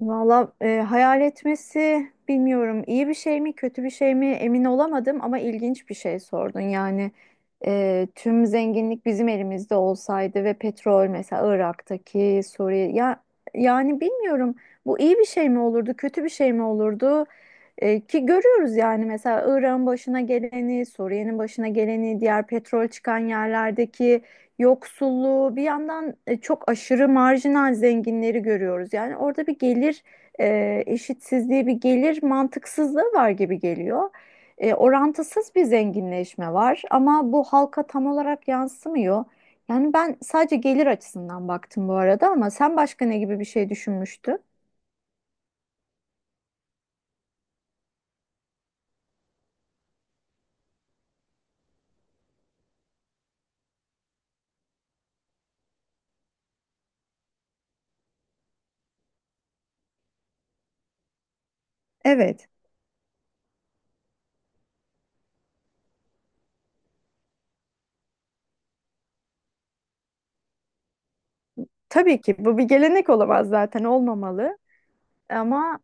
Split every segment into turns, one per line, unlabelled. Valla hayal etmesi bilmiyorum iyi bir şey mi kötü bir şey mi emin olamadım ama ilginç bir şey sordun. Yani tüm zenginlik bizim elimizde olsaydı ve petrol mesela Irak'taki Suriye ya yani bilmiyorum bu iyi bir şey mi olurdu kötü bir şey mi olurdu. Ki görüyoruz yani mesela Irak'ın başına geleni Suriye'nin başına geleni diğer petrol çıkan yerlerdeki yoksulluğu, bir yandan çok aşırı marjinal zenginleri görüyoruz. Yani orada bir gelir eşitsizliği, bir gelir mantıksızlığı var gibi geliyor. Orantısız bir zenginleşme var ama bu halka tam olarak yansımıyor. Yani ben sadece gelir açısından baktım bu arada ama sen başka ne gibi bir şey düşünmüştün? Evet. Tabii ki bu bir gelenek olamaz zaten olmamalı. Ama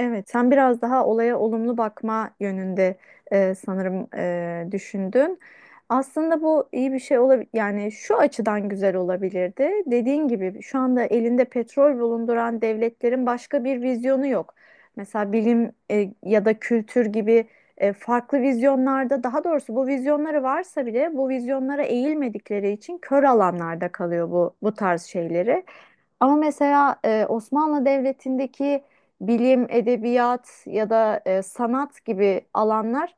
evet, sen biraz daha olaya olumlu bakma yönünde sanırım düşündün. Aslında bu iyi bir şey olabilir. Yani şu açıdan güzel olabilirdi. Dediğin gibi şu anda elinde petrol bulunduran devletlerin başka bir vizyonu yok. Mesela bilim ya da kültür gibi farklı vizyonlarda, daha doğrusu bu vizyonları varsa bile bu vizyonlara eğilmedikleri için kör alanlarda kalıyor bu tarz şeyleri. Ama mesela Osmanlı Devleti'ndeki bilim, edebiyat ya da sanat gibi alanlar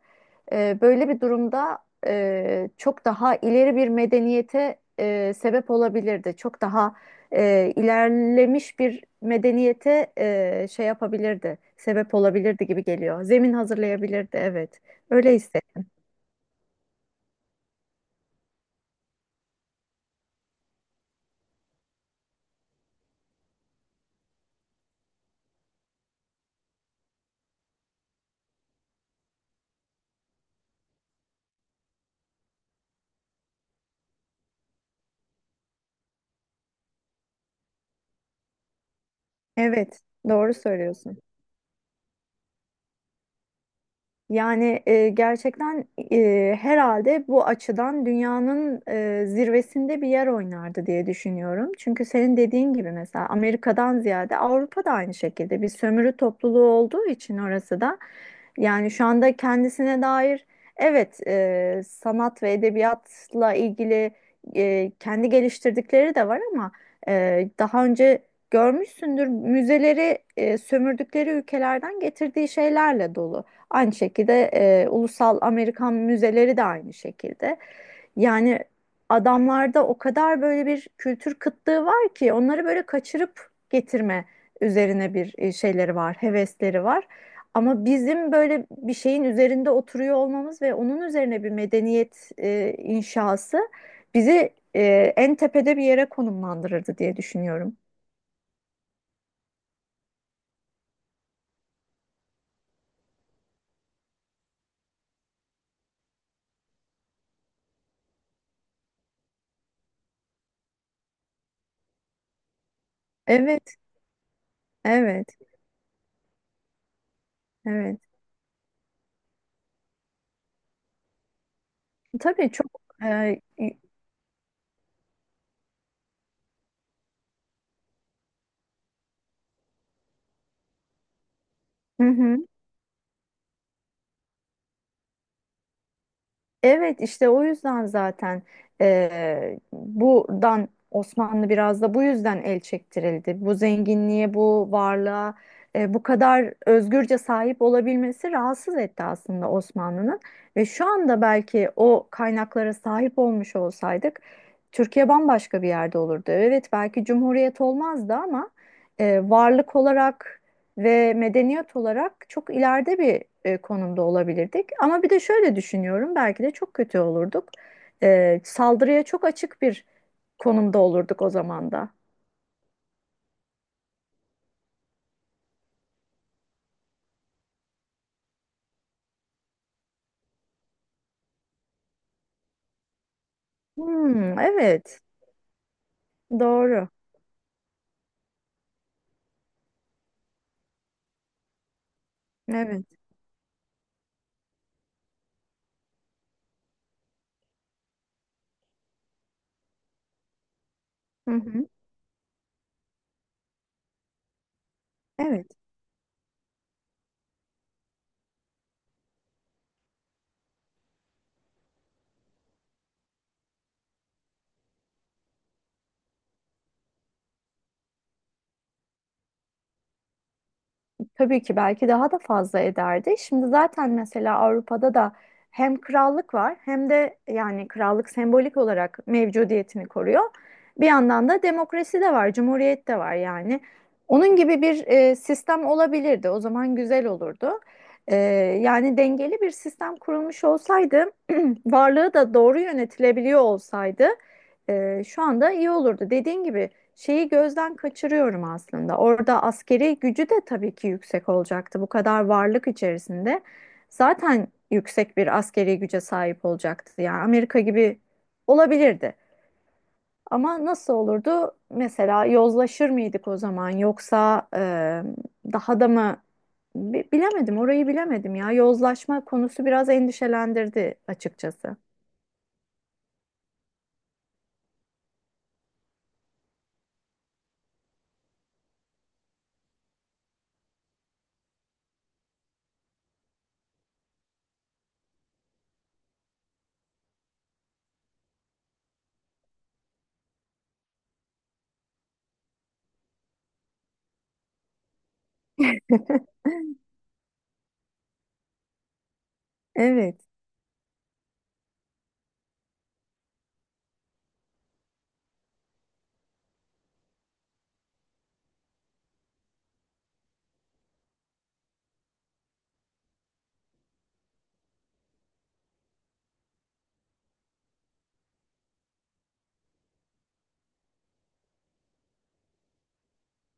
böyle bir durumda çok daha ileri bir medeniyete sebep olabilirdi. Çok daha ilerlemiş bir medeniyete şey yapabilirdi, sebep olabilirdi gibi geliyor. Zemin hazırlayabilirdi, evet. Öyle hissettim. Evet, doğru söylüyorsun. Yani gerçekten herhalde bu açıdan dünyanın zirvesinde bir yer oynardı diye düşünüyorum. Çünkü senin dediğin gibi mesela Amerika'dan ziyade Avrupa da aynı şekilde bir sömürü topluluğu olduğu için orası da yani şu anda kendisine dair evet sanat ve edebiyatla ilgili kendi geliştirdikleri de var ama daha önce görmüşsündür müzeleri sömürdükleri ülkelerden getirdiği şeylerle dolu. Aynı şekilde ulusal Amerikan müzeleri de aynı şekilde. Yani adamlarda o kadar böyle bir kültür kıtlığı var ki onları böyle kaçırıp getirme üzerine bir şeyleri var, hevesleri var. Ama bizim böyle bir şeyin üzerinde oturuyor olmamız ve onun üzerine bir medeniyet inşası bizi en tepede bir yere konumlandırırdı diye düşünüyorum. Evet, evet, evet. Tabii çok hı hı. Evet işte o yüzden zaten buradan Osmanlı biraz da bu yüzden el çektirildi. Bu zenginliğe, bu varlığa, bu kadar özgürce sahip olabilmesi rahatsız etti aslında Osmanlı'nın. Ve şu anda belki o kaynaklara sahip olmuş olsaydık Türkiye bambaşka bir yerde olurdu. Evet belki cumhuriyet olmazdı ama varlık olarak ve medeniyet olarak çok ileride bir konumda olabilirdik. Ama bir de şöyle düşünüyorum, belki de çok kötü olurduk. Saldırıya çok açık bir konumda olurduk o zaman da. Hmm, evet, doğru. Evet. Hı hı. Evet. Tabii ki belki daha da fazla ederdi. Şimdi zaten mesela Avrupa'da da hem krallık var hem de yani krallık sembolik olarak mevcudiyetini koruyor. Bir yandan da demokrasi de var, cumhuriyet de var yani. Onun gibi bir sistem olabilirdi. O zaman güzel olurdu. E, Yani dengeli bir sistem kurulmuş olsaydı, varlığı da doğru yönetilebiliyor olsaydı şu anda iyi olurdu. Dediğin gibi şeyi gözden kaçırıyorum aslında. Orada askeri gücü de tabii ki yüksek olacaktı. Bu kadar varlık içerisinde zaten yüksek bir askeri güce sahip olacaktı. Yani Amerika gibi olabilirdi. Ama nasıl olurdu? Mesela yozlaşır mıydık o zaman? Yoksa daha da mı? Bilemedim, orayı bilemedim ya. Yozlaşma konusu biraz endişelendirdi açıkçası. Evet.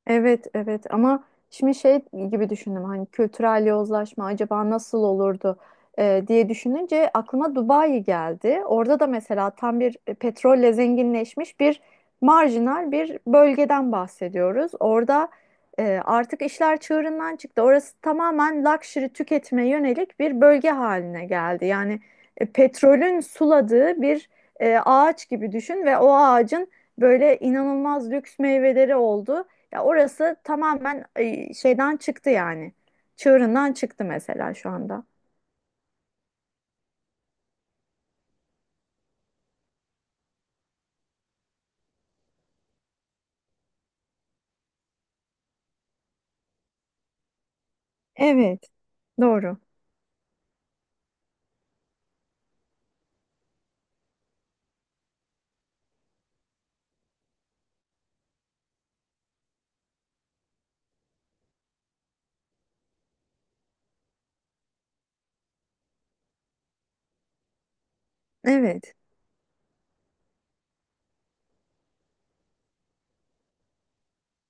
Evet, evet ama şimdi şey gibi düşündüm hani kültürel yozlaşma acaba nasıl olurdu diye düşününce aklıma Dubai geldi. Orada da mesela tam bir petrolle zenginleşmiş bir marjinal bir bölgeden bahsediyoruz. Orada artık işler çığırından çıktı. Orası tamamen luxury tüketime yönelik bir bölge haline geldi. Yani petrolün suladığı bir ağaç gibi düşün ve o ağacın böyle inanılmaz lüks meyveleri oldu. Ya orası tamamen şeyden çıktı yani. Çığırından çıktı mesela şu anda. Evet, doğru. Evet.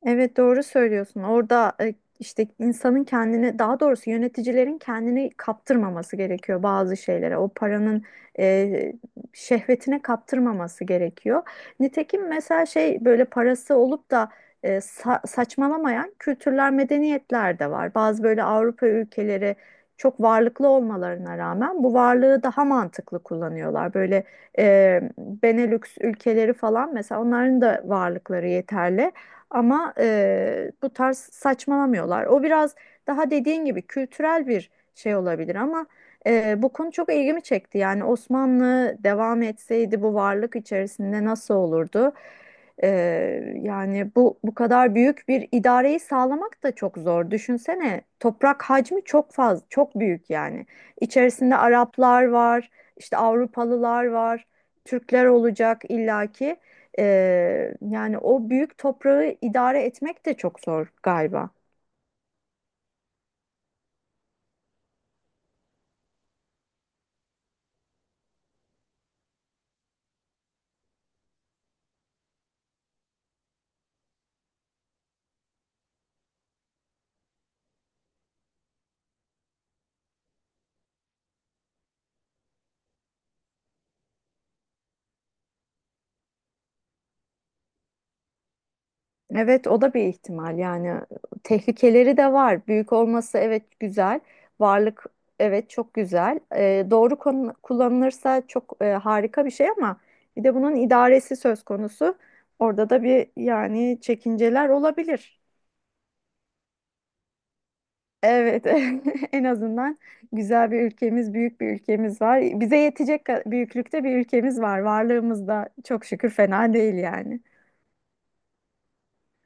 Evet doğru söylüyorsun. Orada işte insanın kendini daha doğrusu yöneticilerin kendini kaptırmaması gerekiyor bazı şeylere. O paranın e, şehvetine kaptırmaması gerekiyor. Nitekim mesela şey böyle parası olup da saçmalamayan kültürler, medeniyetler de var. Bazı böyle Avrupa ülkeleri çok varlıklı olmalarına rağmen bu varlığı daha mantıklı kullanıyorlar. Böyle Benelux ülkeleri falan mesela onların da varlıkları yeterli. Ama bu tarz saçmalamıyorlar. O biraz daha dediğin gibi kültürel bir şey olabilir ama bu konu çok ilgimi çekti. Yani Osmanlı devam etseydi bu varlık içerisinde nasıl olurdu? E, Yani bu kadar büyük bir idareyi sağlamak da çok zor. Düşünsene toprak hacmi çok fazla, çok büyük yani. İçerisinde Araplar var, işte Avrupalılar var, Türkler olacak illaki. Yani o büyük toprağı idare etmek de çok zor galiba. Evet, o da bir ihtimal. Yani tehlikeleri de var. Büyük olması evet güzel. Varlık evet çok güzel. Doğru kullanılırsa çok harika bir şey ama bir de bunun idaresi söz konusu. Orada da bir yani çekinceler olabilir. Evet, en azından güzel bir ülkemiz, büyük bir ülkemiz var. Bize yetecek büyüklükte bir ülkemiz var. Varlığımız da çok şükür fena değil yani.